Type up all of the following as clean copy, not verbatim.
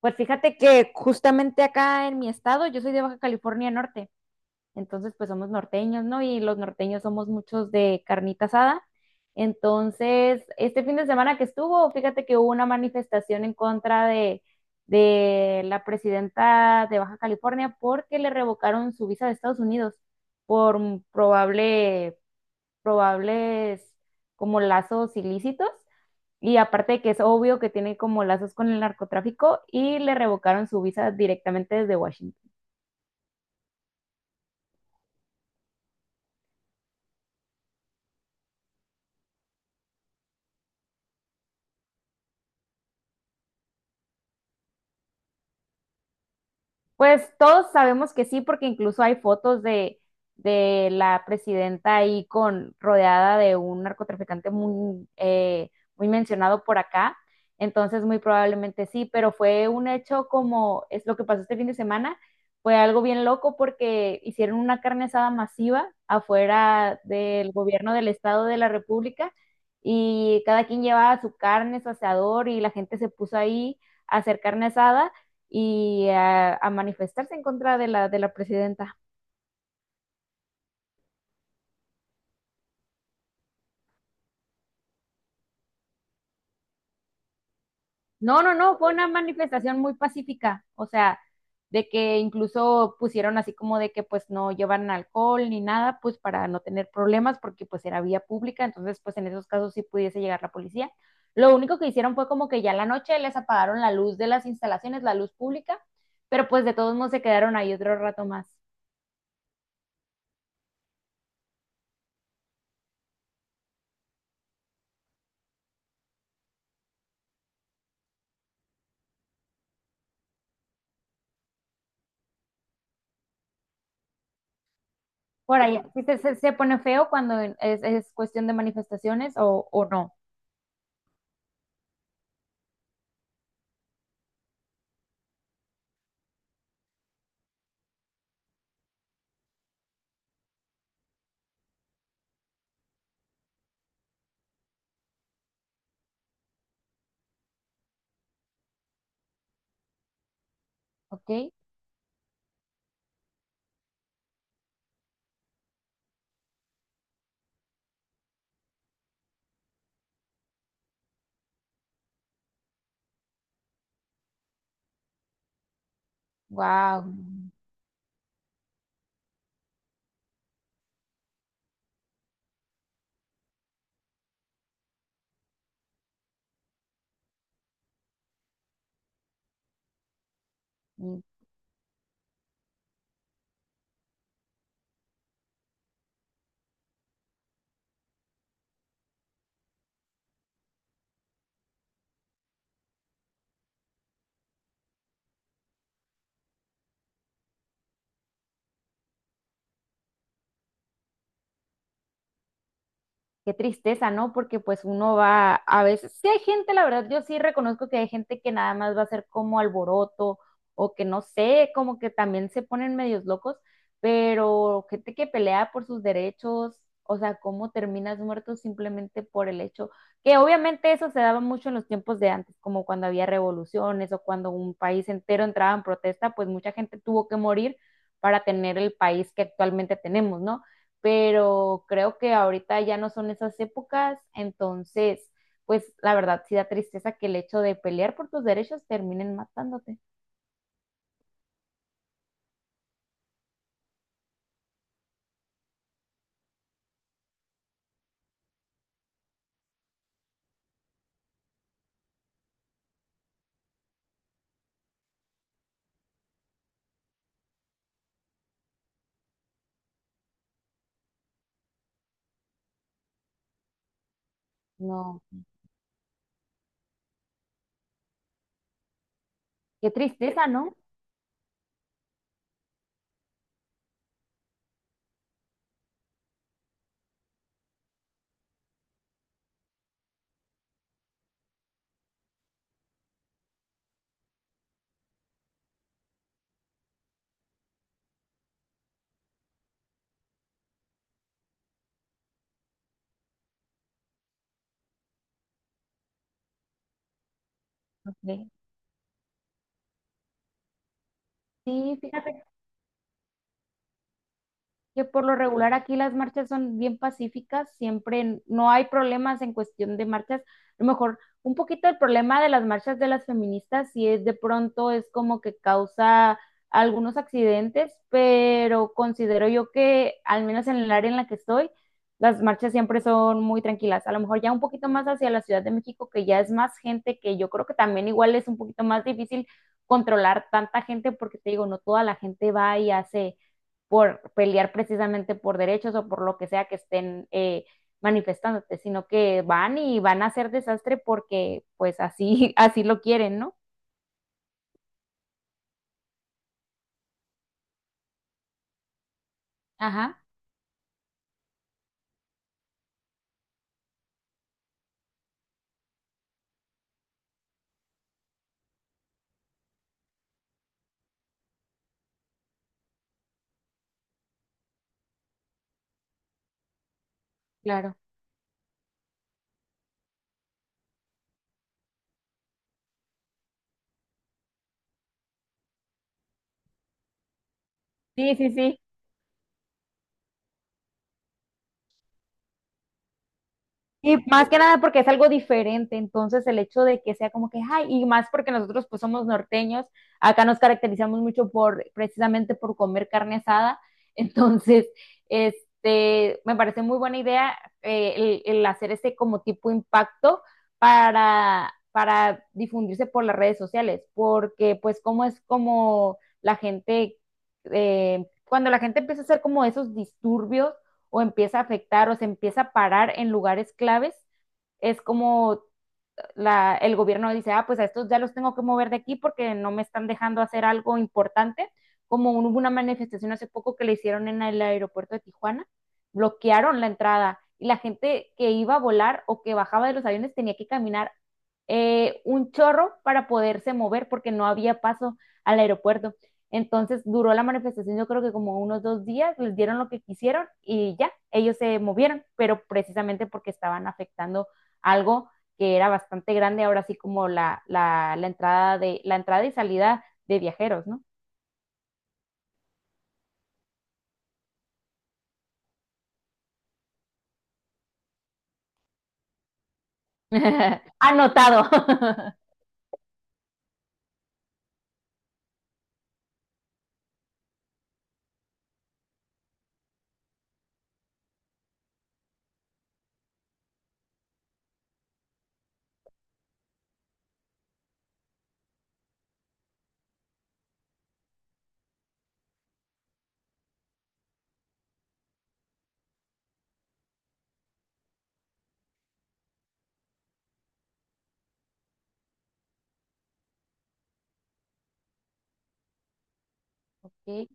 Pues fíjate que justamente acá en mi estado, yo soy de Baja California Norte, entonces pues somos norteños, ¿no? Y los norteños somos muchos de carnita asada. Entonces, este fin de semana que estuvo, fíjate que hubo una manifestación en contra de la presidenta de Baja California porque le revocaron su visa de Estados Unidos por probable, probables como lazos ilícitos. Y aparte de que es obvio que tiene como lazos con el narcotráfico y le revocaron su visa directamente desde Washington. Pues todos sabemos que sí, porque incluso hay fotos de la presidenta ahí con rodeada de un narcotraficante muy, muy mencionado por acá. Entonces, muy probablemente sí, pero fue un hecho como es lo que pasó este fin de semana. Fue algo bien loco porque hicieron una carne asada masiva afuera del gobierno del Estado de la República y cada quien llevaba su carne, su asador y la gente se puso ahí a hacer carne asada y a manifestarse en contra de la presidenta. No, no, no, fue una manifestación muy pacífica, o sea, de que incluso pusieron así como de que pues no llevan alcohol ni nada, pues para no tener problemas, porque pues era vía pública, entonces pues en esos casos sí pudiese llegar la policía. Lo único que hicieron fue como que ya en la noche les apagaron la luz de las instalaciones, la luz pública, pero pues de todos modos se quedaron ahí otro rato más. Por ahí, sí se pone feo cuando es cuestión de manifestaciones o no, ¿ok? Wow, qué tristeza, ¿no? Porque pues uno va a veces, sí hay gente, la verdad, yo sí reconozco que hay gente que nada más va a ser como alboroto o que no sé, como que también se ponen medios locos, pero gente que pelea por sus derechos, o sea, cómo terminas muerto simplemente por el hecho que obviamente eso se daba mucho en los tiempos de antes, como cuando había revoluciones o cuando un país entero entraba en protesta, pues mucha gente tuvo que morir para tener el país que actualmente tenemos, ¿no? Pero creo que ahorita ya no son esas épocas, entonces, pues la verdad sí da tristeza que el hecho de pelear por tus derechos terminen matándote. No, qué tristeza, ¿no? Ok. Sí, fíjate que por lo regular aquí las marchas son bien pacíficas, siempre no hay problemas en cuestión de marchas. A lo mejor un poquito el problema de las marchas de las feministas si es de pronto es como que causa algunos accidentes, pero considero yo que al menos en el área en la que estoy, las marchas siempre son muy tranquilas. A lo mejor ya un poquito más hacia la Ciudad de México, que ya es más gente, que yo creo que también igual es un poquito más difícil controlar tanta gente porque te digo, no toda la gente va y hace por pelear precisamente por derechos o por lo que sea que estén manifestándote, sino que van y van a hacer desastre porque pues así, así lo quieren, ¿no? Ajá, claro. Sí, sí, sí. Y más que nada porque es algo diferente, entonces el hecho de que sea como que, ay, y más porque nosotros pues somos norteños, acá nos caracterizamos mucho por, precisamente por comer carne asada, entonces, este, me parece muy buena idea, el hacer este como tipo impacto para difundirse por las redes sociales, porque pues como es como la gente, cuando la gente empieza a hacer como esos disturbios, o empieza a afectar o se empieza a parar en lugares claves, es como el gobierno dice, ah, pues a estos ya los tengo que mover de aquí porque no me están dejando hacer algo importante, como hubo una manifestación hace poco que le hicieron en el aeropuerto de Tijuana, bloquearon la entrada y la gente que iba a volar o que bajaba de los aviones tenía que caminar un chorro para poderse mover porque no había paso al aeropuerto. Entonces duró la manifestación, yo creo que como unos dos días, les dieron lo que quisieron y ya, ellos se movieron, pero precisamente porque estaban afectando algo que era bastante grande, ahora sí como la entrada la entrada y salida de viajeros, ¿no? Anotado. Ok.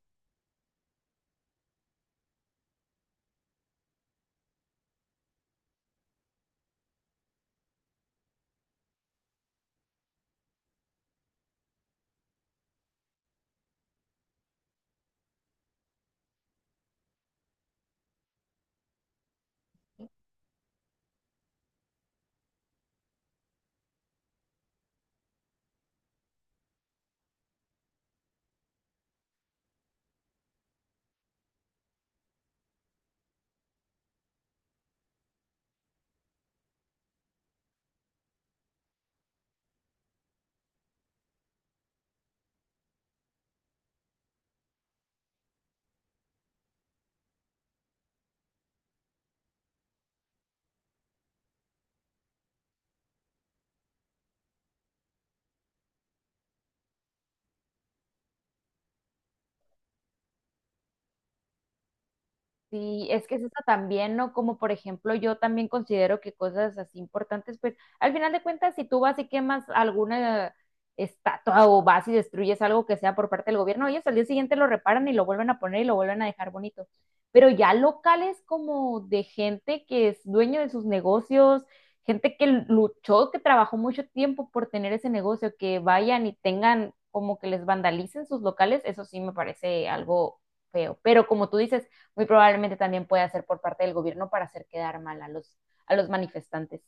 Sí, es que es eso también, ¿no? Como por ejemplo, yo también considero que cosas así importantes, pues al final de cuentas, si tú vas y quemas alguna estatua o vas y destruyes algo que sea por parte del gobierno, ellos al día siguiente lo reparan y lo vuelven a poner y lo vuelven a dejar bonito. Pero ya locales como de gente que es dueño de sus negocios, gente que luchó, que trabajó mucho tiempo por tener ese negocio, que vayan y tengan como que les vandalicen sus locales, eso sí me parece algo feo. Pero como tú dices, muy probablemente también puede hacer por parte del gobierno para hacer quedar mal a a los manifestantes.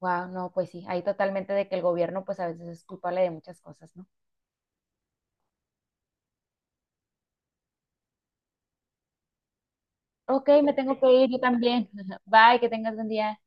Wow, no, pues sí, ahí totalmente de que el gobierno pues a veces es culpable de muchas cosas, ¿no? Ok, me tengo que ir yo también. Bye, que tengas buen día.